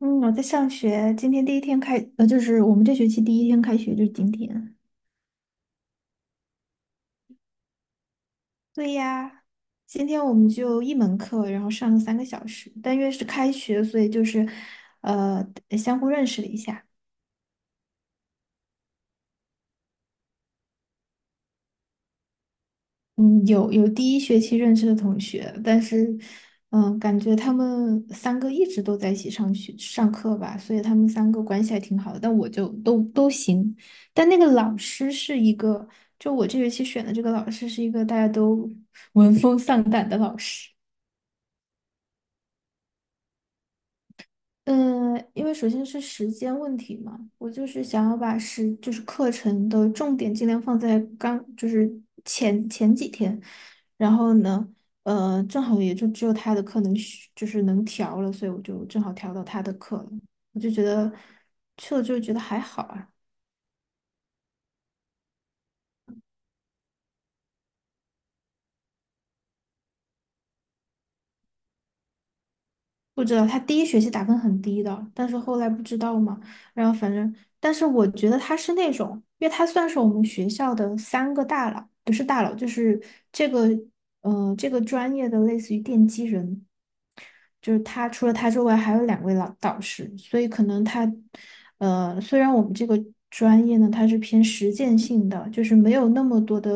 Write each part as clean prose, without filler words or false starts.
嗯，我在上学，今天第一天就是我们这学期第一天开学就是今天。对呀，今天我们就一门课，然后上了三个小时，但因为是开学，所以就是，呃，相互认识了一下。嗯，有第一学期认识的同学，但是，感觉他们三个一直都在一起上学上课吧，所以他们三个关系还挺好的。但我就都行，但那个老师是一个，就我这学期选的这个老师是一个大家都闻风丧胆的老师。嗯，因为首先是时间问题嘛，我就是想要把时就是课程的重点尽量放在刚就是前几天，然后呢，正好也就只有他的课能选就是能调了，所以我就正好调到他的课了，我就觉得去了之后觉得还好啊。不知道，他第一学期打分很低的，但是后来不知道嘛，然后反正，但是我觉得他是那种，因为他算是我们学校的三个大佬，不是大佬，就是这个，这个专业的类似于奠基人，就是他除了他之外还有两位老导师，所以可能他，虽然我们这个专业呢，它是偏实践性的，就是没有那么多的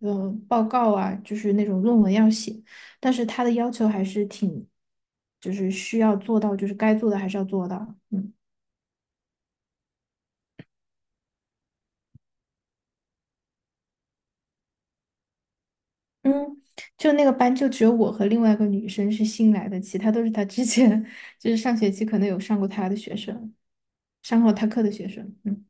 报告啊，就是那种论文要写，但是他的要求还是挺，就是需要做到，就是该做的还是要做到，嗯嗯。就那个班就只有我和另外一个女生是新来的，其他都是他之前 就是上学期可能有上过他的学生，上过他课的学生。嗯。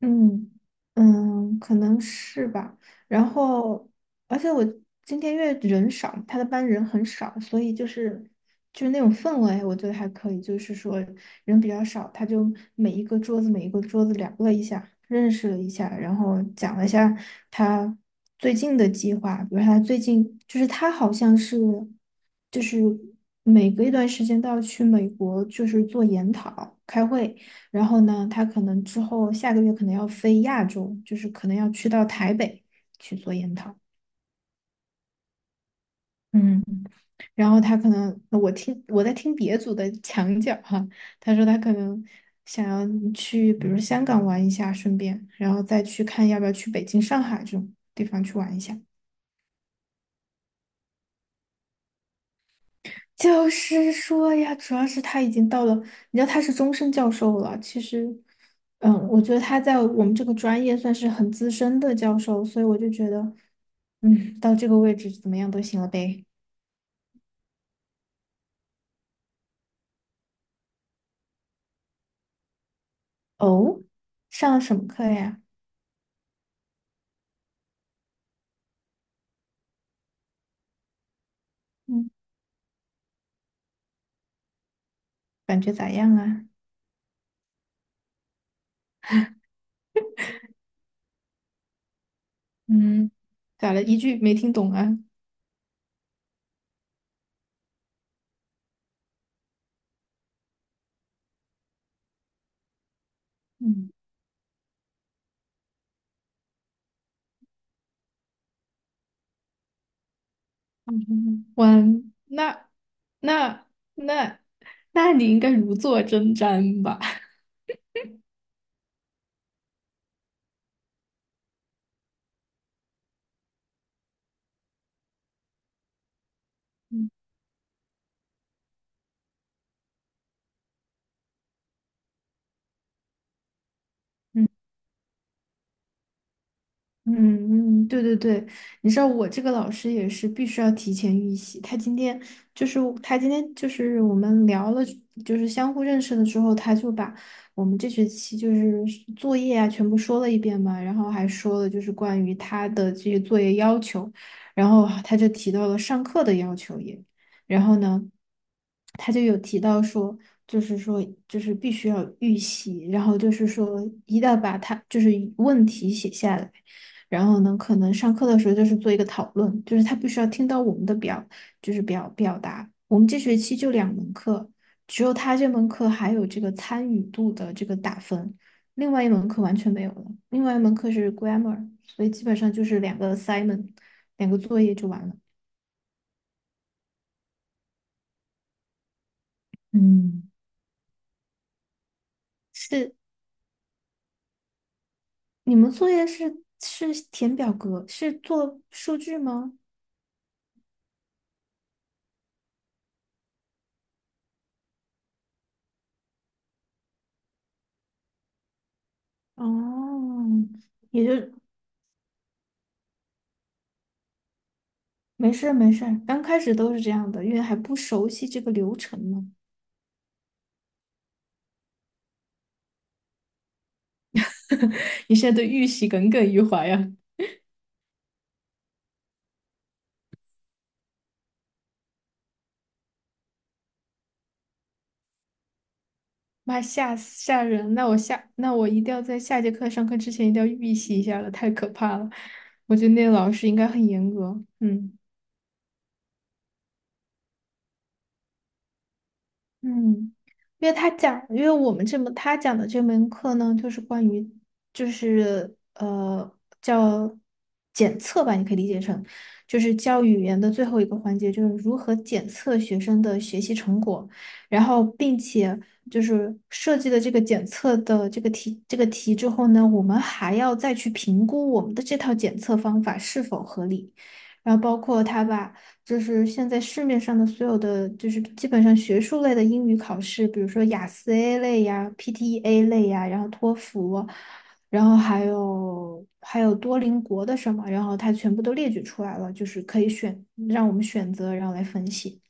嗯嗯，可能是吧。然后，而且我今天因为人少，他的班人很少，所以就是那种氛围，我觉得还可以。就是说人比较少，他就每一个桌子每一个桌子聊了一下，认识了一下，然后讲了一下他最近的计划，比如他最近就是他好像是就是每隔一段时间都要去美国，就是做研讨开会。然后呢，他可能之后下个月可能要飞亚洲，就是可能要去到台北去做研讨。嗯然后他可能，我在听别组的墙角哈，他说他可能想要去，比如香港玩一下，顺便，然后再去看要不要去北京、上海这种地方去玩一下。就是说呀，主要是他已经到了，你知道他是终身教授了。其实，我觉得他在我们这个专业算是很资深的教授，所以我就觉得，到这个位置怎么样都行了呗。哦，上了什么课呀？嗯，感觉咋样啊？嗯，咋了？一句没听懂啊？嗯，我那那那，那你应该如坐针毡吧？嗯嗯，对对对，你知道我这个老师也是必须要提前预习。他今天就是我们聊了，就是相互认识的时候，他就把我们这学期就是作业啊全部说了一遍嘛，然后还说了就是关于他的这些作业要求，然后他就提到了上课的要求也，然后呢，他就有提到说，就是说，就是必须要预习，然后就是说，一定要把他就是问题写下来。然后呢，可能上课的时候就是做一个讨论，就是他必须要听到我们的表，就是表表达。我们这学期就两门课，只有他这门课还有这个参与度的这个打分，另外一门课完全没有了。另外一门课是 grammar,所以基本上就是两个 assignment,两个作业就完了。嗯，是你们作业是填表格，是做数据吗？哦，也就没事儿没事儿刚开始都是这样的，因为还不熟悉这个流程嘛。你现在对预习耿耿于怀呀、妈吓死吓人！那我一定要在下节课上课之前一定要预习一下了，太可怕了。我觉得那个老师应该很严格。嗯。嗯，因为我们这门他讲的这门课呢，就是关于，就是叫检测吧，你可以理解成，就是教语言的最后一个环节，就是如何检测学生的学习成果，然后并且就是设计了这个检测的这个题之后呢，我们还要再去评估我们的这套检测方法是否合理。然后包括他把就是现在市面上的所有的，就是基本上学术类的英语考试，比如说雅思 A 类呀、PTE-A 类呀，然后托福，然后还有多邻国的什么，然后它全部都列举出来了，就是可以选，让我们选择，然后来分析。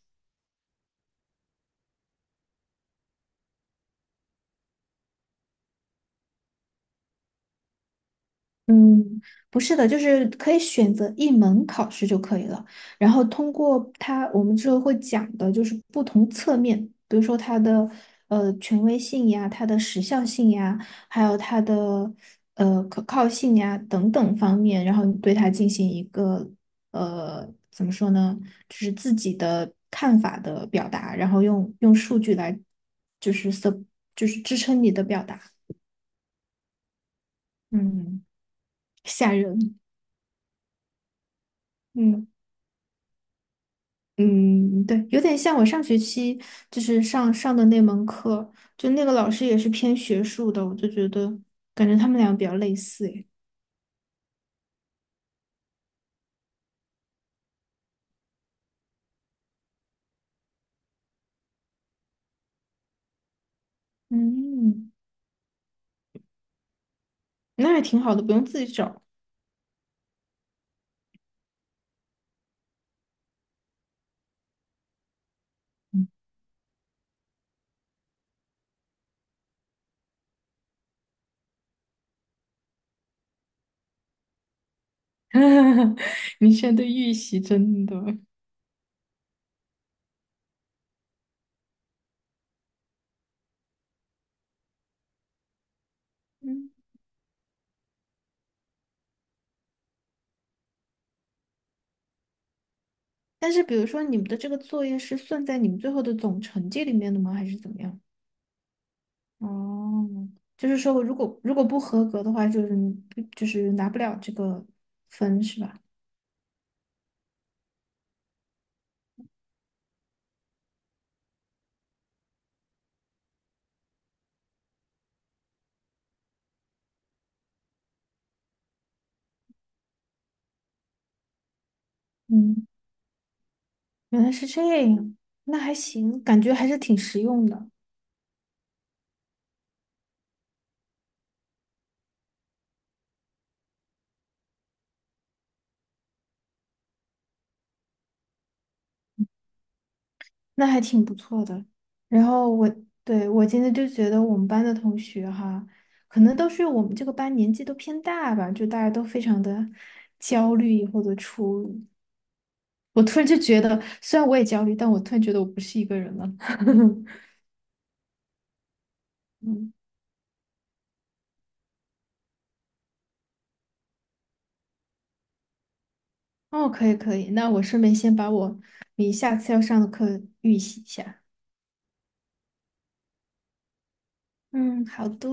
嗯，不是的，就是可以选择一门考试就可以了。然后通过它，我们之后会讲的就是不同侧面，比如说它的权威性呀、它的时效性呀，还有它的可靠性呀等等方面，然后你对它进行一个怎么说呢，就是自己的看法的表达，然后用数据来就是 s 就是支撑你的表达。嗯，吓人。嗯。嗯，对，有点像我上学期就是上的那门课，就那个老师也是偏学术的，我就觉得感觉他们俩比较类似诶。嗯，那还挺好的，不用自己找。嗯，你现在对预习真的，嗯，但是比如说你们的这个作业是算在你们最后的总成绩里面的吗？还是怎么样？哦，就是说我如果不合格的话，就是你就是拿不了这个分是吧？嗯。原来是这样，那还行，感觉还是挺实用的，那还挺不错的。然后我，对，我今天就觉得我们班的同学哈，可能都是我们这个班年纪都偏大吧，就大家都非常的焦虑或者出。我突然就觉得，虽然我也焦虑，但我突然觉得我不是一个人了。嗯，哦，可以可以，那我顺便先把你下次要上的课预习一下。嗯，好的。